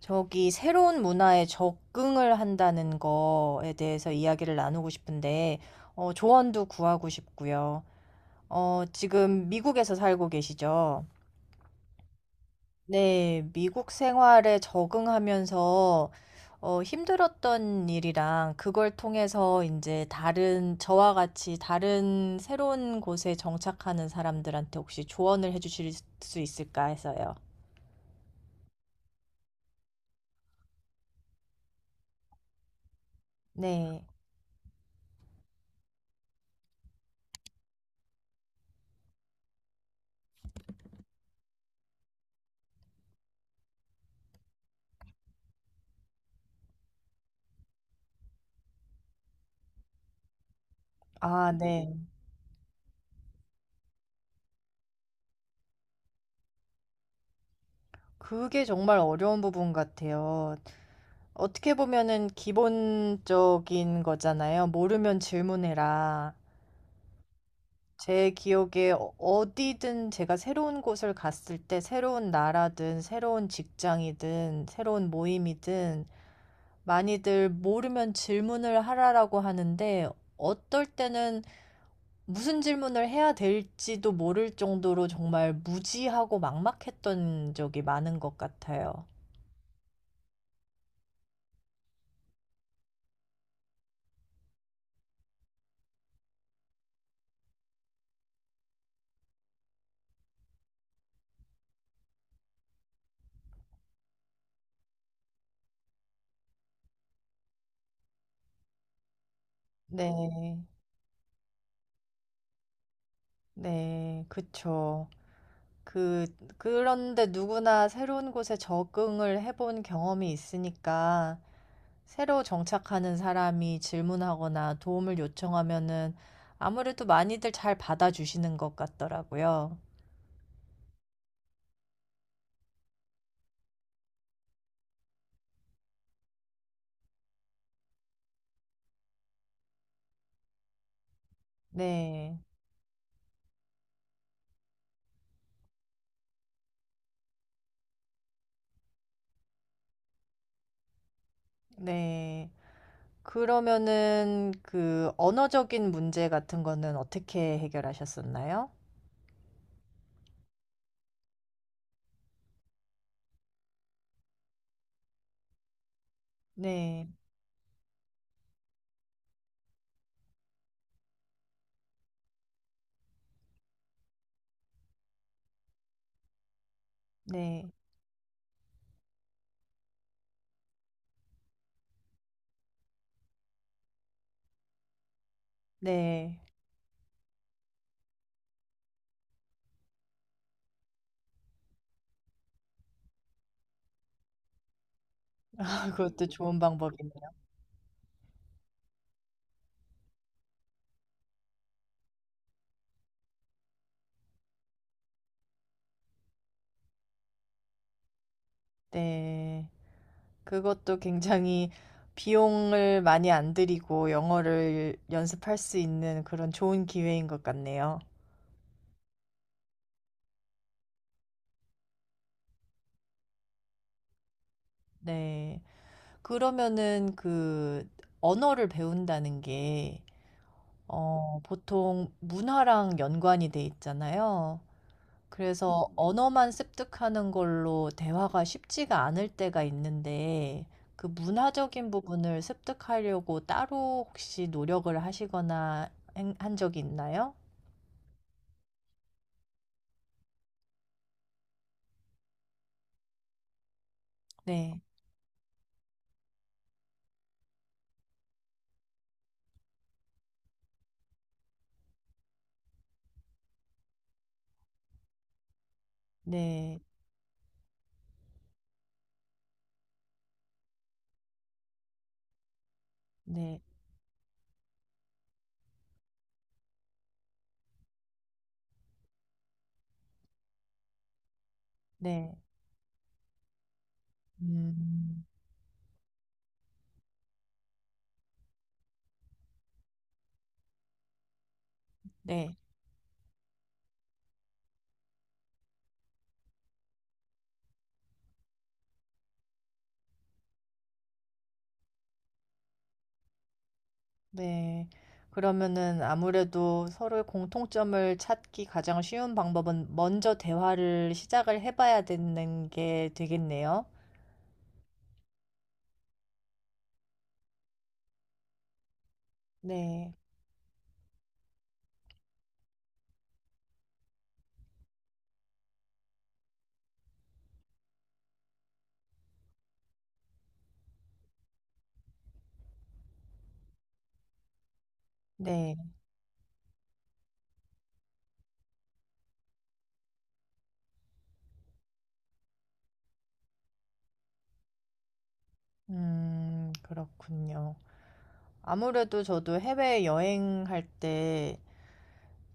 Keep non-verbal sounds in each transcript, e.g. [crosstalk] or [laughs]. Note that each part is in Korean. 저기 새로운 문화에 적응을 한다는 거에 대해서 이야기를 나누고 싶은데, 조언도 구하고 싶고요. 지금 미국에서 살고 계시죠? 네, 미국 생활에 적응하면서 힘들었던 일이랑 그걸 통해서 이제 다른, 저와 같이 다른 새로운 곳에 정착하는 사람들한테 혹시 조언을 해주실 수 있을까 해서요. 네. 아, 네. 그게 정말 어려운 부분 같아요. 어떻게 보면은 기본적인 거잖아요. 모르면 질문해라. 제 기억에 어디든 제가 새로운 곳을 갔을 때 새로운 나라든 새로운 직장이든 새로운 모임이든 많이들 모르면 질문을 하라라고 하는데 어떨 때는 무슨 질문을 해야 될지도 모를 정도로 정말 무지하고 막막했던 적이 많은 것 같아요. 네, 네, 그쵸. 그 그런데 누구나 새로운 곳에 적응을 해본 경험이 있으니까 새로 정착하는 사람이 질문하거나 도움을 요청하면은 아무래도 많이들 잘 받아주시는 것 같더라고요. 네. 네. 그러면은 그 언어적인 문제 같은 거는 어떻게 해결하셨었나요? 네. 네. 네. [laughs] 그것도 좋은 방법이네요. 네. 그것도 굉장히 비용을 많이 안 들이고 영어를 연습할 수 있는 그런 좋은 기회인 것 같네요. 네. 그러면은 그 언어를 배운다는 게, 보통 문화랑 연관이 돼 있잖아요. 그래서 언어만 습득하는 걸로 대화가 쉽지가 않을 때가 있는데, 그 문화적인 부분을 습득하려고 따로 혹시 노력을 하시거나 한 적이 있나요? 네. 네, 네, 네, 음, 네, 네. 그러면은 아무래도 서로의 공통점을 찾기 가장 쉬운 방법은 먼저 대화를 시작을 해봐야 되는 게 되겠네요. 네, 네. 그렇군요. 아무래도 저도 해외 여행할 때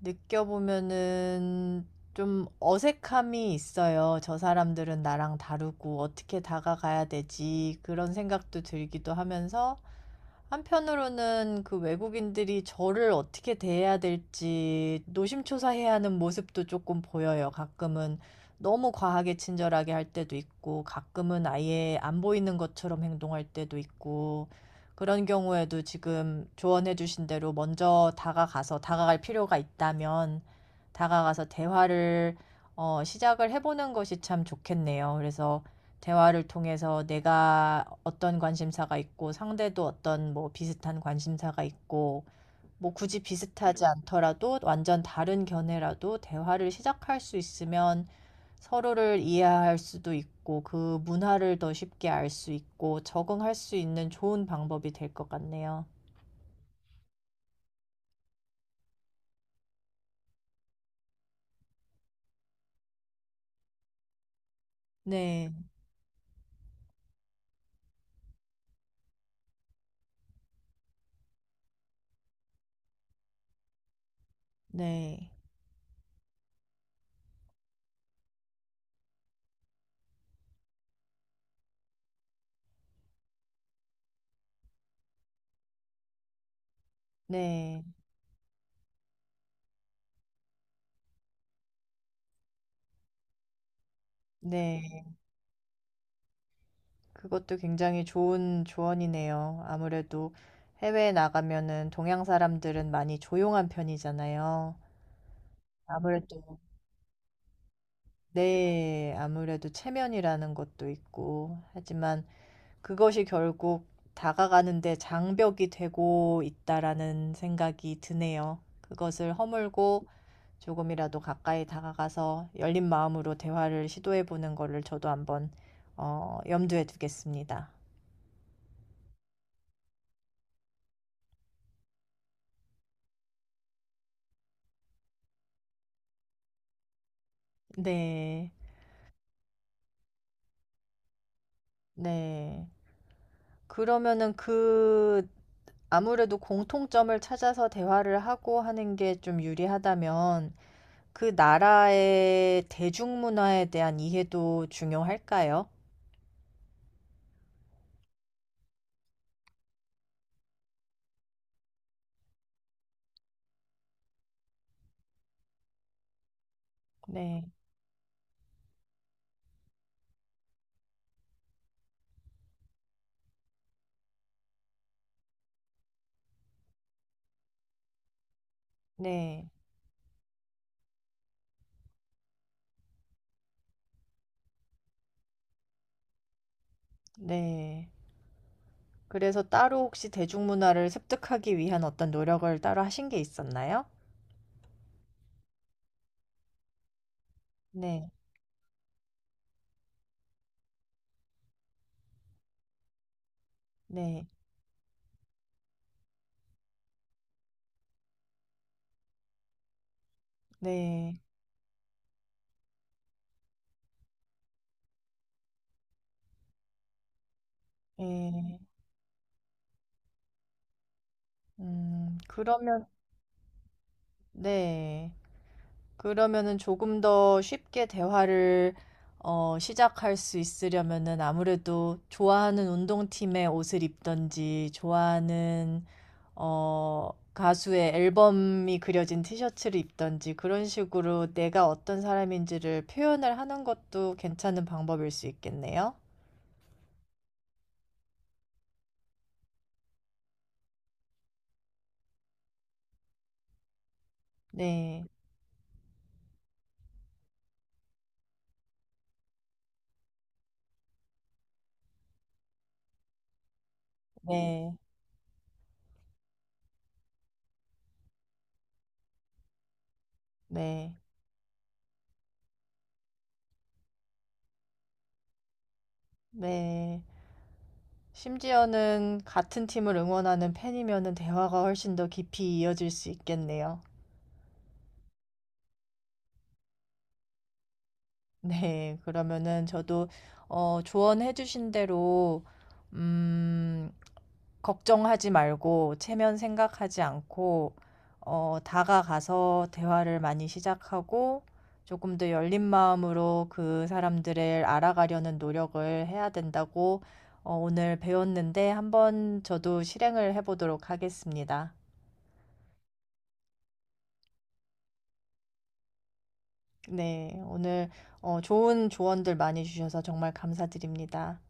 느껴보면은 좀 어색함이 있어요. '저 사람들은 나랑 다르고 어떻게 다가가야 되지?' 그런 생각도 들기도 하면서 한편으로는 그 외국인들이 저를 어떻게 대해야 될지 노심초사해야 하는 모습도 조금 보여요. 가끔은 너무 과하게 친절하게 할 때도 있고 가끔은 아예 안 보이는 것처럼 행동할 때도 있고 그런 경우에도 지금 조언해 주신 대로 먼저 다가가서 다가갈 필요가 있다면 다가가서 대화를 시작을 해 보는 것이 참 좋겠네요. 그래서 대화를 통해서 내가 어떤 관심사가 있고 상대도 어떤 뭐 비슷한 관심사가 있고 뭐 굳이 비슷하지 네. 않더라도 완전 다른 견해라도 대화를 시작할 수 있으면 서로를 이해할 수도 있고 그 문화를 더 쉽게 알 수 있고 적응할 수 있는 좋은 방법이 될 것 같네요. 네. 네. 네. 네. 그것도 굉장히 좋은 조언이네요. 아무래도 해외에 나가면은 동양 사람들은 많이 조용한 편이잖아요. 아무래도 네. 아무래도 체면이라는 것도 있고 하지만 그것이 결국 다가가는데 장벽이 되고 있다라는 생각이 드네요. 그것을 허물고 조금이라도 가까이 다가가서 열린 마음으로 대화를 시도해 보는 거를 저도 한번 염두에 두겠습니다. 네, 네. 그러면은 그 아무래도 공통점을 찾아서 대화를 하고 하는 게 좀 유리하다면 그 나라의 대중문화에 대한 이해도 중요할까요? 네, 네. 네. 그래서 따로 혹시 대중문화를 습득하기 위한 어떤 노력을 따로 하신 게 있었나요? 네. 네. 네. 예. 그러면 네. 그러면은 조금 더 쉽게 대화를 시작할 수 있으려면은 아무래도 좋아하는 운동팀의 옷을 입던지 좋아하는 가수의 앨범이 그려진 티셔츠를 입든지 그런 식으로 내가 어떤 사람인지를 표현을 하는 것도 괜찮은 방법일 수 있겠네요. 네. 네. 네. 네. 심지어는 같은 팀을 응원하는 팬이면은 대화가 훨씬 더 깊이 이어질 수 있겠네요. 네, 그러면은 저도 조언해 주신 대로 음, 걱정하지 말고 체면 생각하지 않고 다가가서 대화를 많이 시작하고 조금 더 열린 마음으로 그 사람들을 알아가려는 노력을 해야 된다고 오늘 배웠는데 한번 저도 실행을 해 보도록 하겠습니다. 네, 오늘 좋은 조언들 많이 주셔서 정말 감사드립니다.